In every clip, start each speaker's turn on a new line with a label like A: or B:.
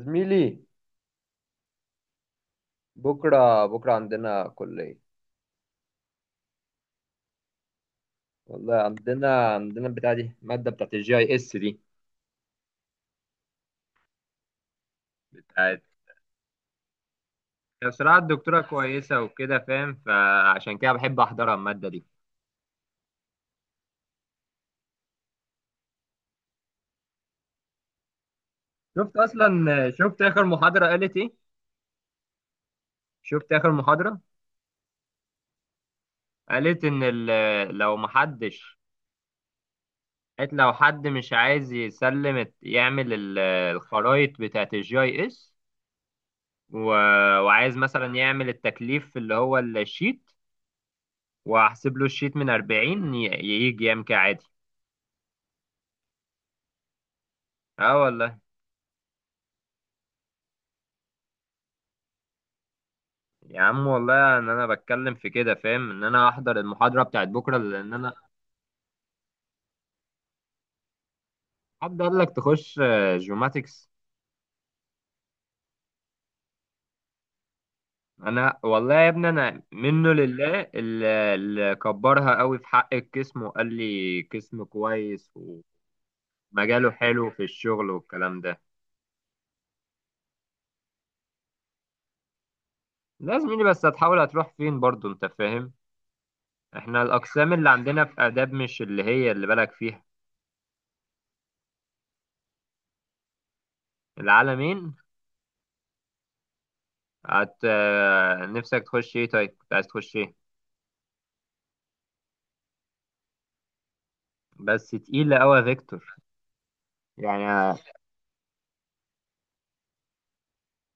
A: زميلي، بكرة عندنا كلية. والله عندنا بتاع دي المادة بتاعت الجي اي اس دي بتاعت. هي بصراحة الدكتورة كويسة وكده، فاهم؟ فعشان كده بحب أحضرها المادة دي. شفت أصلا شفت آخر محاضرة قالت إيه؟ شفت آخر محاضرة قالت إن ال- لو محدش قالت لو حد مش عايز يعمل الخرايط بتاعت الجي اي اس، وعايز مثلا يعمل التكليف اللي هو الشيت، واحسب له الشيت من 40 يجي يام كعادي. اه والله. يا عم والله ان انا بتكلم في كده، فاهم؟ ان انا احضر المحاضره بتاعت بكره لان انا. حد قال لك تخش جيوماتكس؟ انا والله يا ابني، انا منه لله، اللي كبرها قوي في حق قسمه، وقال لي قسم كويس، ومجاله حلو في الشغل والكلام ده. لا زميلي، بس هتروح فين برضو؟ انت فاهم، احنا الاقسام اللي عندنا في اداب مش اللي هي اللي بالك فيها. العالمين، هت آه، نفسك تخش ايه؟ طيب كنت عايز تخش ايه؟ بس تقيلة قوي فيكتور. يعني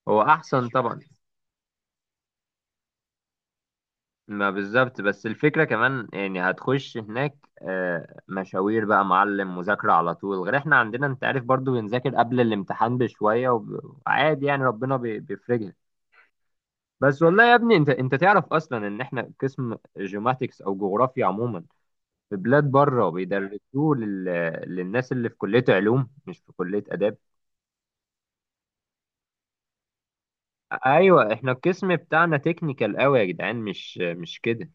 A: هو احسن طبعا. ما بالظبط، بس الفكرة كمان يعني هتخش هناك، مشاوير بقى، معلم، مذاكرة على طول، غير احنا عندنا انت عارف برضو بنذاكر قبل الامتحان بشوية، وعادي يعني، ربنا بيفرجها. بس والله يا ابني، انت تعرف اصلا ان احنا قسم جيوماتكس او جغرافيا عموما في بلاد بره بيدرسوه للناس اللي في كلية علوم، مش في كلية آداب. ايوه، احنا القسم بتاعنا تكنيكال قوي يا جدعان، مش كده.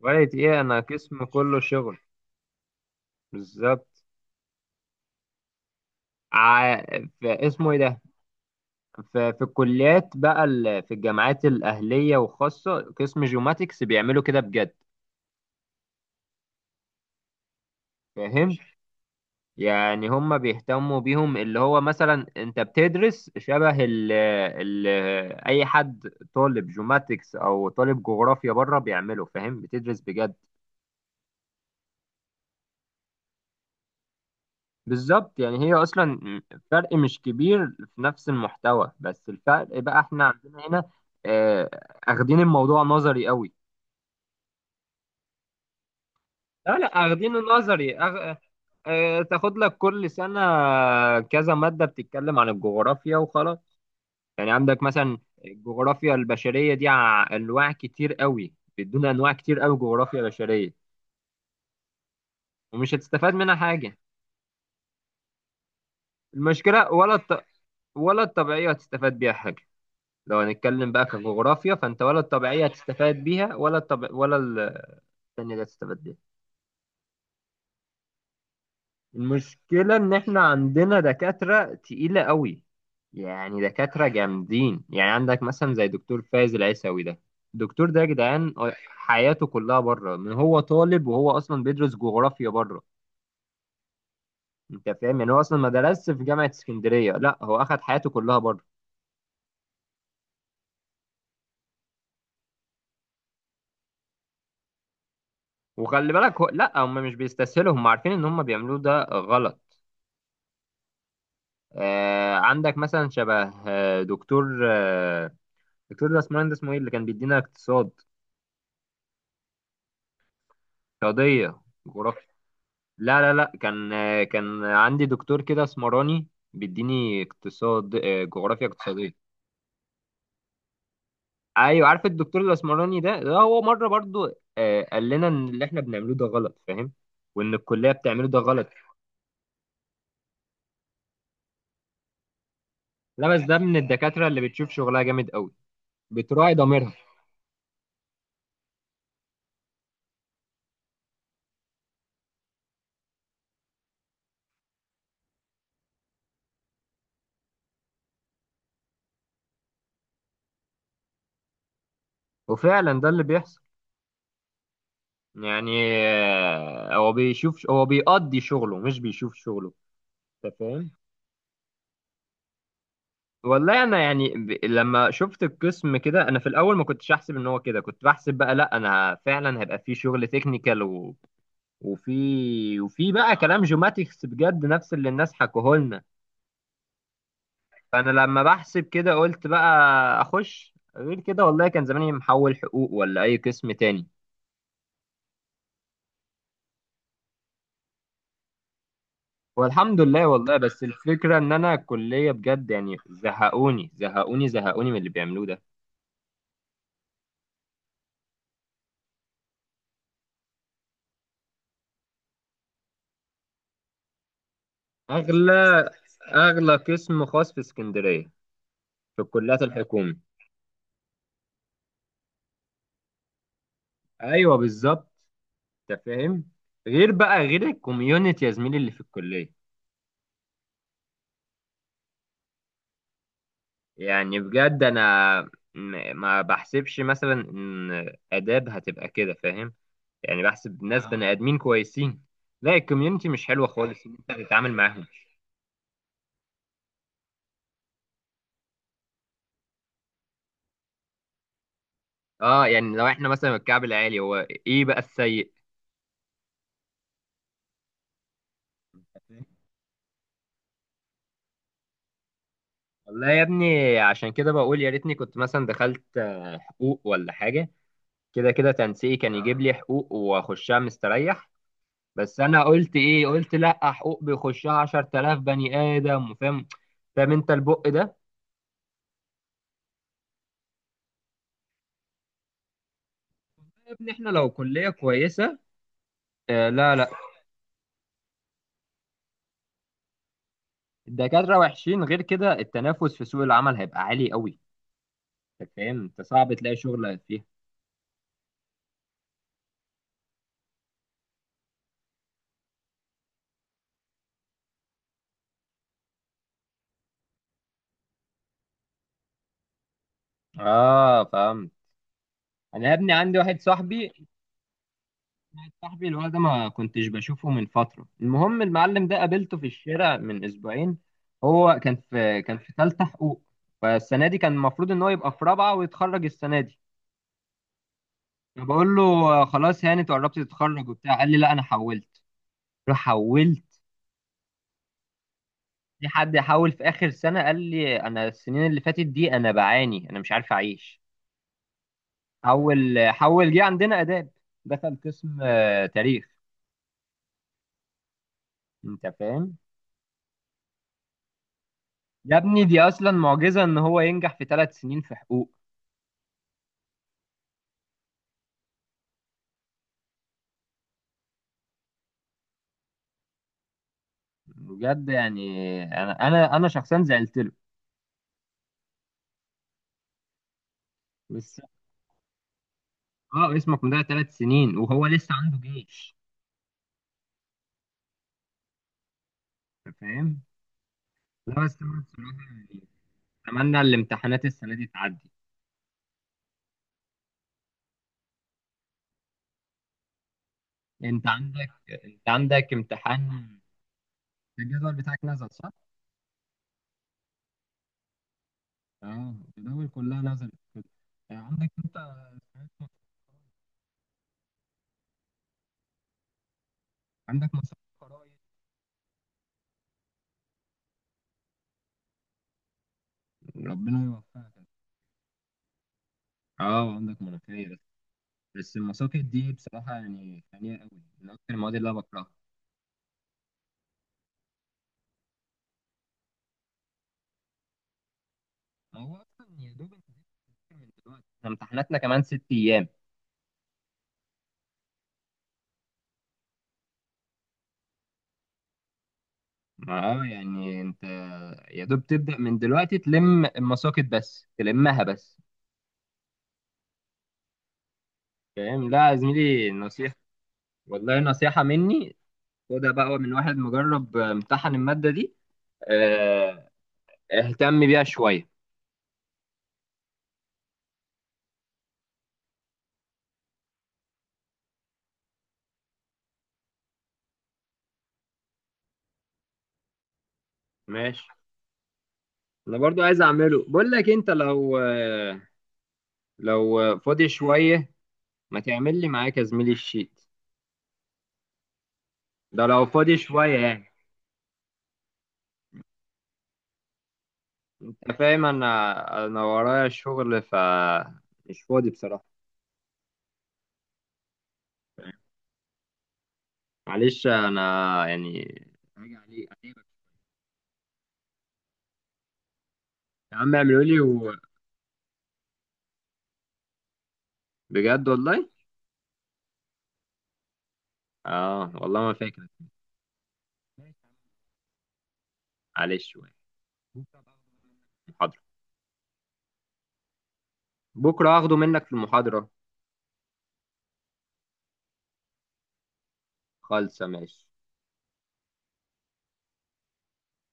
A: وقالت ايه، انا قسم كله شغل. بالظبط. ع... في اسمه ايه ده، في الكليات بقى، في الجامعات الاهليه وخاصه قسم جيوماتكس، بيعملوا كده بجد. فاهم؟ يعني هم بيهتموا بيهم، اللي هو مثلا انت بتدرس شبه اي حد طالب جيوماتكس او طالب جغرافيا بره بيعمله، فاهم؟ بتدرس بجد. بالظبط، يعني هي اصلا فرق مش كبير في نفس المحتوى، بس الفرق بقى احنا عندنا هنا آه، اخدين الموضوع نظري قوي. لا لا، اخدينه نظري. تاخد لك كل سنة كذا مادة بتتكلم عن الجغرافيا وخلاص. يعني عندك مثلا الجغرافيا البشرية دي أنواع كتير قوي، بيدونا أنواع كتير قوي جغرافيا بشرية، ومش هتستفاد منها حاجة. المشكلة ولا الط... ولا الطبيعية هتستفاد بيها حاجة. لو هنتكلم بقى كجغرافيا فانت ولا الطبيعيه هتستفاد بيها، ولا الطب... ولا ال- التانية اللي هتستفاد بيها. المشكله ان احنا عندنا دكاتره تقيله قوي، يعني دكاتره جامدين. يعني عندك مثلا زي دكتور فايز العيساوي ده، الدكتور ده يا جدعان حياته كلها بره من هو طالب، وهو اصلا بيدرس جغرافيا بره. انت فاهم؟ يعني هو اصلا ما درسش في جامعه اسكندريه، لا هو اخد حياته كلها بره. وخلي بالك لا، هم مش بيستسهلوا، هم عارفين ان هم بيعملوه ده غلط. عندك مثلا شبه دكتور دكتور ده اسمه ايه اللي كان بيدينا اقتصاد؟ اقتصادية جغرافيا. لا لا لا، كان عندي دكتور كده اسمراني بيديني اقتصاد، جغرافيا اقتصادية. ايوه، عارف الدكتور الاسمراني ده هو مرة برضو قال لنا ان اللي احنا بنعمله ده غلط، فاهم؟ وان الكلية بتعمله ده غلط. لا بس ده من الدكاترة اللي بتشوف شغلها جامد قوي، بتراعي ضميرها. وفعلا ده اللي بيحصل. يعني هو بيقضي شغله، مش بيشوف شغله. انت فاهم؟ والله انا يعني لما شفت القسم كده، انا في الاول ما كنتش احسب ان هو كده. كنت بحسب بقى لا، انا فعلا هيبقى في شغل تكنيكال وفي بقى كلام جيوماتكس بجد، نفس اللي الناس حكوه لنا. فانا لما بحسب كده قلت بقى اخش غير كده. والله كان زماني محول حقوق ولا اي قسم تاني. والحمد لله، والله بس الفكرة إن أنا الكلية بجد يعني زهقوني زهقوني زهقوني من اللي بيعملوه ده. أغلى أغلى قسم خاص في اسكندرية، في الكليات الحكومي. أيوه بالظبط. أنت فاهم؟ غير الكوميونتي يا زميلي اللي في الكلية. يعني بجد أنا ما بحسبش مثلا إن آداب هتبقى كده، فاهم؟ يعني بحسب ناس بني آدمين كويسين، لا الكوميونتي مش حلوة خالص إن أنت تتعامل معاهم. اه، يعني لو احنا مثلا الكعب العالي هو، ايه بقى السيء؟ والله يا ابني عشان كده بقول يا ريتني كنت مثلا دخلت حقوق ولا حاجة. كده كده تنسيقي كان يجيب لي حقوق واخشها مستريح. بس انا قلت ايه، قلت لا، حقوق بيخشها 10,000 بني ادم، فاهم انت البق ده. يا ابني احنا لو كلية كويسة، آه. لا لا، الدكاترة وحشين، غير كده التنافس في سوق العمل هيبقى عالي قوي. انت فاهم؟ انت صعب تلاقي شغل فيها. اه فاهم. انا يا ابني عندي واحد صاحبي اللي هو ده ما كنتش بشوفه من فترة. المهم، المعلم ده قابلته في الشارع من أسبوعين. هو كان في ثالثة حقوق. فالسنة دي كان المفروض إن هو يبقى في رابعة ويتخرج السنة دي. فبقول له خلاص يعني أنت قربت تتخرج وبتاع. قال لي لا أنا حولت. قلت له حولت؟ في حد يحول في آخر سنة؟ قال لي أنا السنين اللي فاتت دي أنا بعاني، أنا مش عارف أعيش. حول حول جه عندنا آداب، دخل قسم تاريخ. أنت فاهم؟ يا ابني دي اصلا معجزه ان هو ينجح في ثلاث سنين في حقوق. بجد يعني انا شخصيا زعلت له. بس اه اسمك مضيع ثلاث سنين وهو لسه عنده جيش. انت فاهم؟ لا بس انا بصراحه يعني اتمنى الامتحانات السنه دي تعدي. انت عندك انت عندك امتحان؟ الجدول بتاعك نزل صح؟ اه الجدول كلها نزلت كده. آه، عندك انت عندك مسابقه قرايه؟ ربنا يوفقك. اه عندك مناقشه بس. بس المساقط دي بصراحه يعني خانقه قوي، من اكتر المواد اللي انا بكرهها. هو اصلا يا دوب انت لسه بتذاكر من دلوقتي، احنا امتحاناتنا كمان ست ايام. ما يعني انت يا دوب تبدا من دلوقتي تلم المساقط بس، تلمها بس. فاهم؟ لا يا زميلي نصيحه، والله نصيحه مني، خدها بقى من واحد مجرب امتحن الماده دي. اه، اهتم بيها شويه. ماشي. انا برضو عايز اعمله، بقول لك انت لو لو فاضي شويه، ما تعمل لي معاك يا زميلي الشيت ده لو فاضي شويه يعني. انت فاهم، انا ورايا شغل مش فاضي بصراحه. معلش انا يعني هاجي عليك. يا عم اعملوا لي بجد والله. اه والله ما فاكر. معلش شويه، محاضره بكره هاخده منك في المحاضره. خالصه ماشي.